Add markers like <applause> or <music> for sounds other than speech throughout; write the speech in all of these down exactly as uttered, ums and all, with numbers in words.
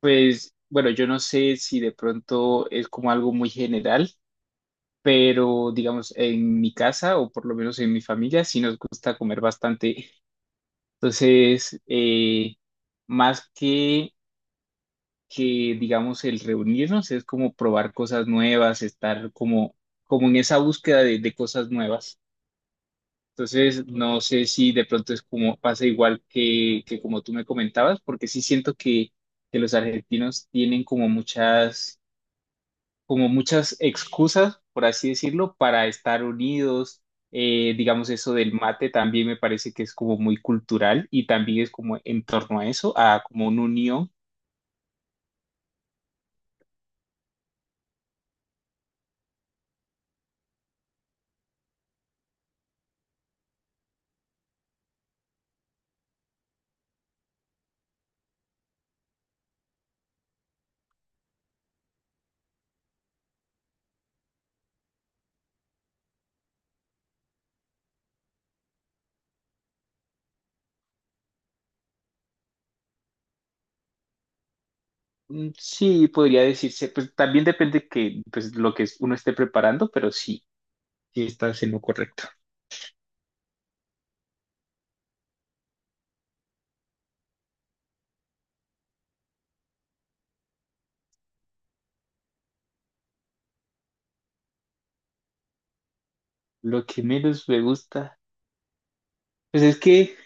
Pues bueno, yo no sé si de pronto es como algo muy general, pero digamos en mi casa o por lo menos en mi familia sí nos gusta comer bastante. Entonces, eh, más que, que digamos el reunirnos es como probar cosas nuevas, estar como, como en esa búsqueda de, de cosas nuevas. Entonces, no sé si de pronto es como pasa igual que, que como tú me comentabas, porque sí siento que, que los argentinos tienen como muchas como muchas excusas, por así decirlo, para estar unidos. Eh, digamos, eso del mate también me parece que es como muy cultural y también es como en torno a eso, a como una unión. Mm, sí, podría decirse, pues también depende que pues lo que uno esté preparando, pero sí, sí estás en lo correcto. Lo que menos me gusta, pues es que,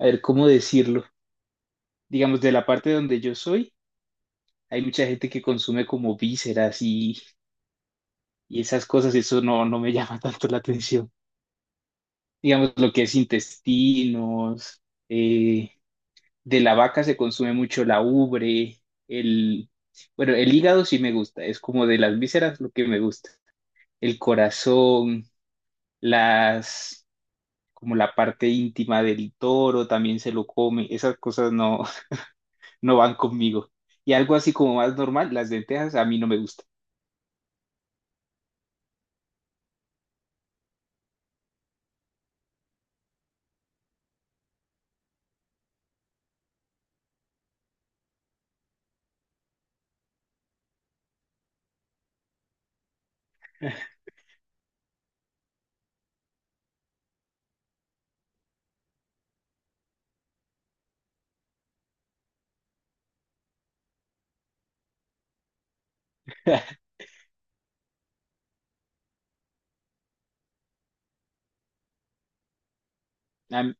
a ver, ¿cómo decirlo? Digamos, de la parte donde yo soy, hay mucha gente que consume como vísceras y, y esas cosas, eso no, no me <laughs> llama tanto la atención. Digamos, lo que es intestinos, eh, de la vaca se consume mucho la ubre, el, bueno, el hígado sí me gusta, es como de las vísceras lo que me gusta, el corazón, las, como la parte íntima del toro también se lo come, esas cosas no, <laughs> no van conmigo. Y algo así como más normal, las lentejas a mí no me gusta. <laughs> A,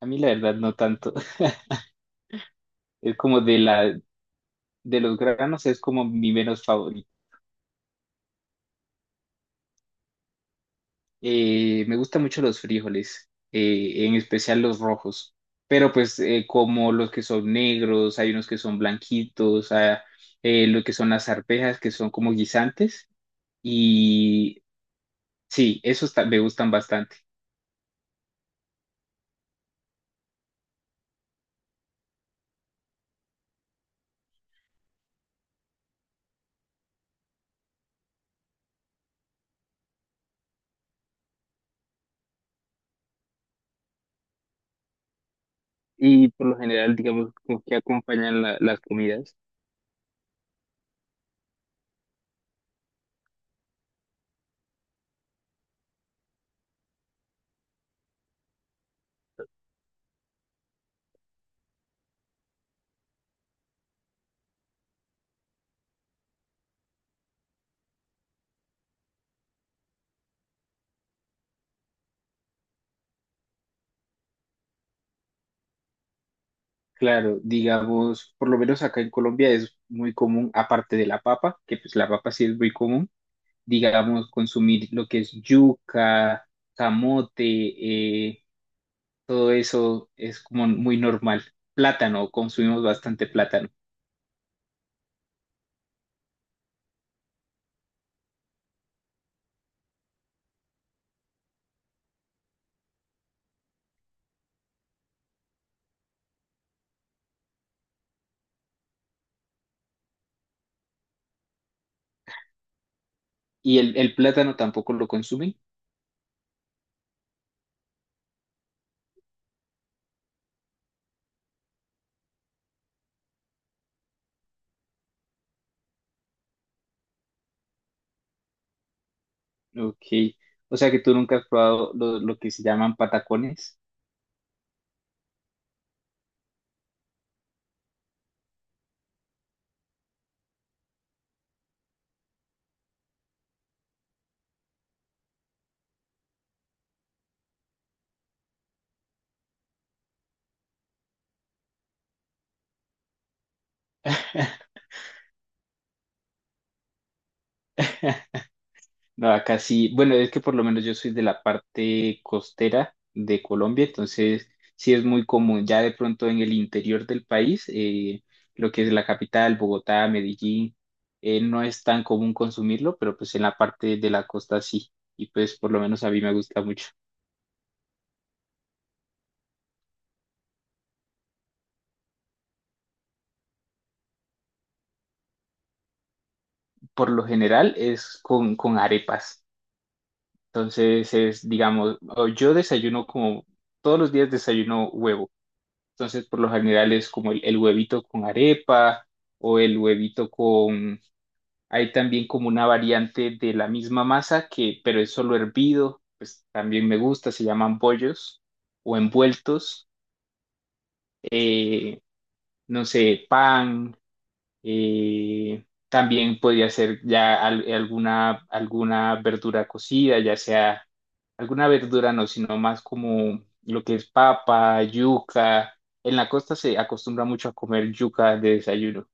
a mí la verdad no tanto. <laughs> Es como de la, de los granos es como mi menos favorito. Eh, me gustan mucho los frijoles, eh, en especial los rojos, pero pues eh, como los que son negros, hay unos que son blanquitos, ah, eh, lo que son las arvejas que son como guisantes y sí, esos ta- me gustan bastante. Y por lo general, digamos, con que acompañan la- las comidas. Claro, digamos, por lo menos acá en Colombia es muy común, aparte de la papa, que pues la papa sí es muy común digamos, consumir lo que es yuca, camote, eh, todo eso es como muy normal. Plátano, consumimos bastante plátano. ¿Y el, el plátano tampoco lo consumen? Ok. O sea que tú nunca has probado lo, lo que se llaman patacones. <laughs> No, acá sí, bueno, es que por lo menos yo soy de la parte costera de Colombia, entonces sí es muy común, ya de pronto en el interior del país, eh, lo que es la capital, Bogotá, Medellín, eh, no es tan común consumirlo, pero pues en la parte de la costa sí, y pues por lo menos a mí me gusta mucho. Por lo general es con, con arepas, entonces es, digamos, o yo desayuno como todos los días desayuno huevo. Entonces, por lo general es como el, el huevito con arepa o el huevito con... Hay también como una variante de la misma masa que, pero es solo hervido, pues también me gusta, se llaman bollos o envueltos. Eh, no sé, pan, eh, también podría ser ya al- alguna, alguna verdura cocida, ya sea alguna verdura no, sino más como lo que es papa, yuca. En la costa se acostumbra mucho a comer yuca de desayuno.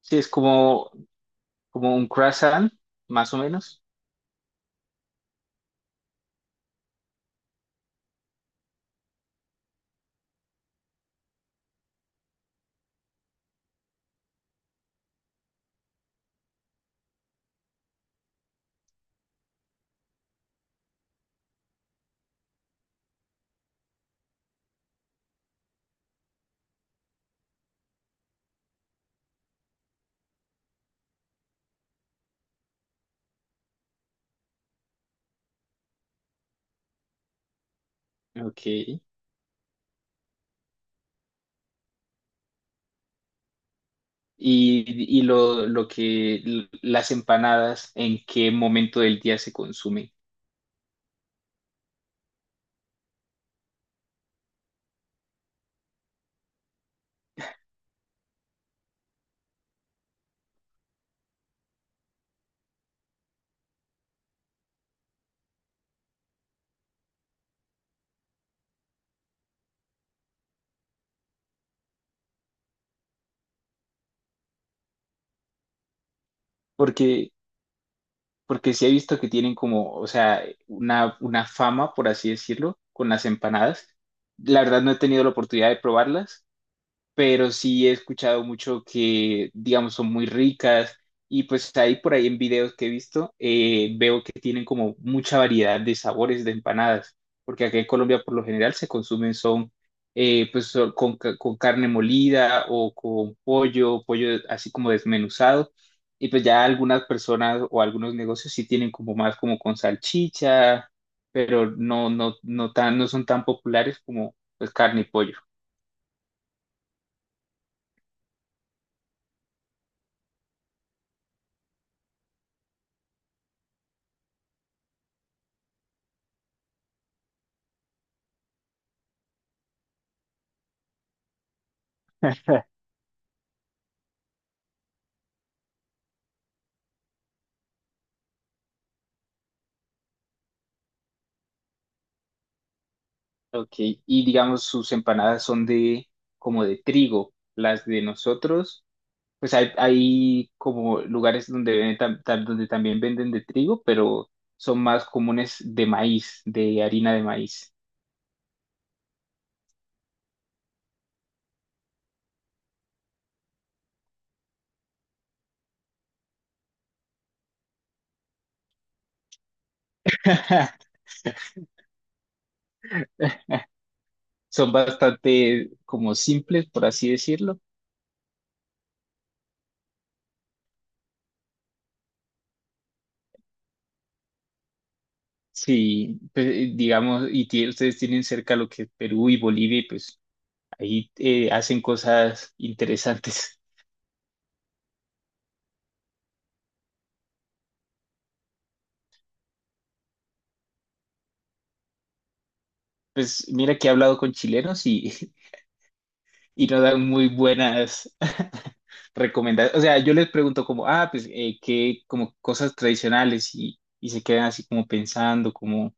Sí, es como, como un croissant, más o menos. Ok. Y, y lo, lo que las empanadas, ¿en qué momento del día se consumen? Porque porque sí he visto que tienen como, o sea, una, una fama, por así decirlo, con las empanadas. La verdad no he tenido la oportunidad de probarlas, pero sí he escuchado mucho que, digamos, son muy ricas y pues ahí por ahí en videos que he visto, eh, veo que tienen como mucha variedad de sabores de empanadas, porque aquí en Colombia por lo general se consumen son, eh, pues son con, ca- con carne molida o con pollo, pollo así como desmenuzado. Y pues ya algunas personas o algunos negocios sí tienen como más como con salchicha, pero no, no, no tan, no son tan populares como pues carne y pollo. Ok, y digamos sus empanadas son de como de trigo, las de nosotros, pues hay, hay como lugares donde venden tam- tam- donde también venden de trigo, pero son más comunes de maíz, de harina de maíz. <laughs> Son bastante como simples, por así decirlo. Sí, pues, eh, digamos, y tie- ustedes tienen cerca lo que es Perú y Bolivia, y pues ahí eh, hacen cosas interesantes. Pues mira que he hablado con chilenos y <laughs> y no dan muy buenas <laughs> recomendaciones. O sea, yo les pregunto como, ah, pues, eh, qué, como cosas tradicionales y, y se quedan así como pensando, como,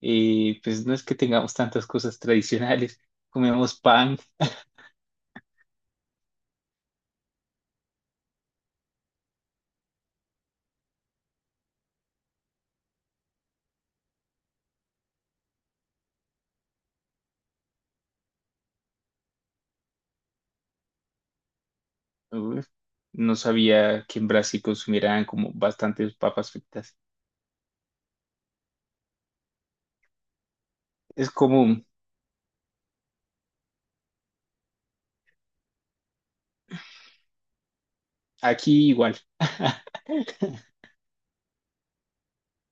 eh, pues no es que tengamos tantas cosas tradicionales, comemos pan. Uf, no sabía que en Brasil consumieran como bastantes papas fritas. Es común, aquí igual. <laughs>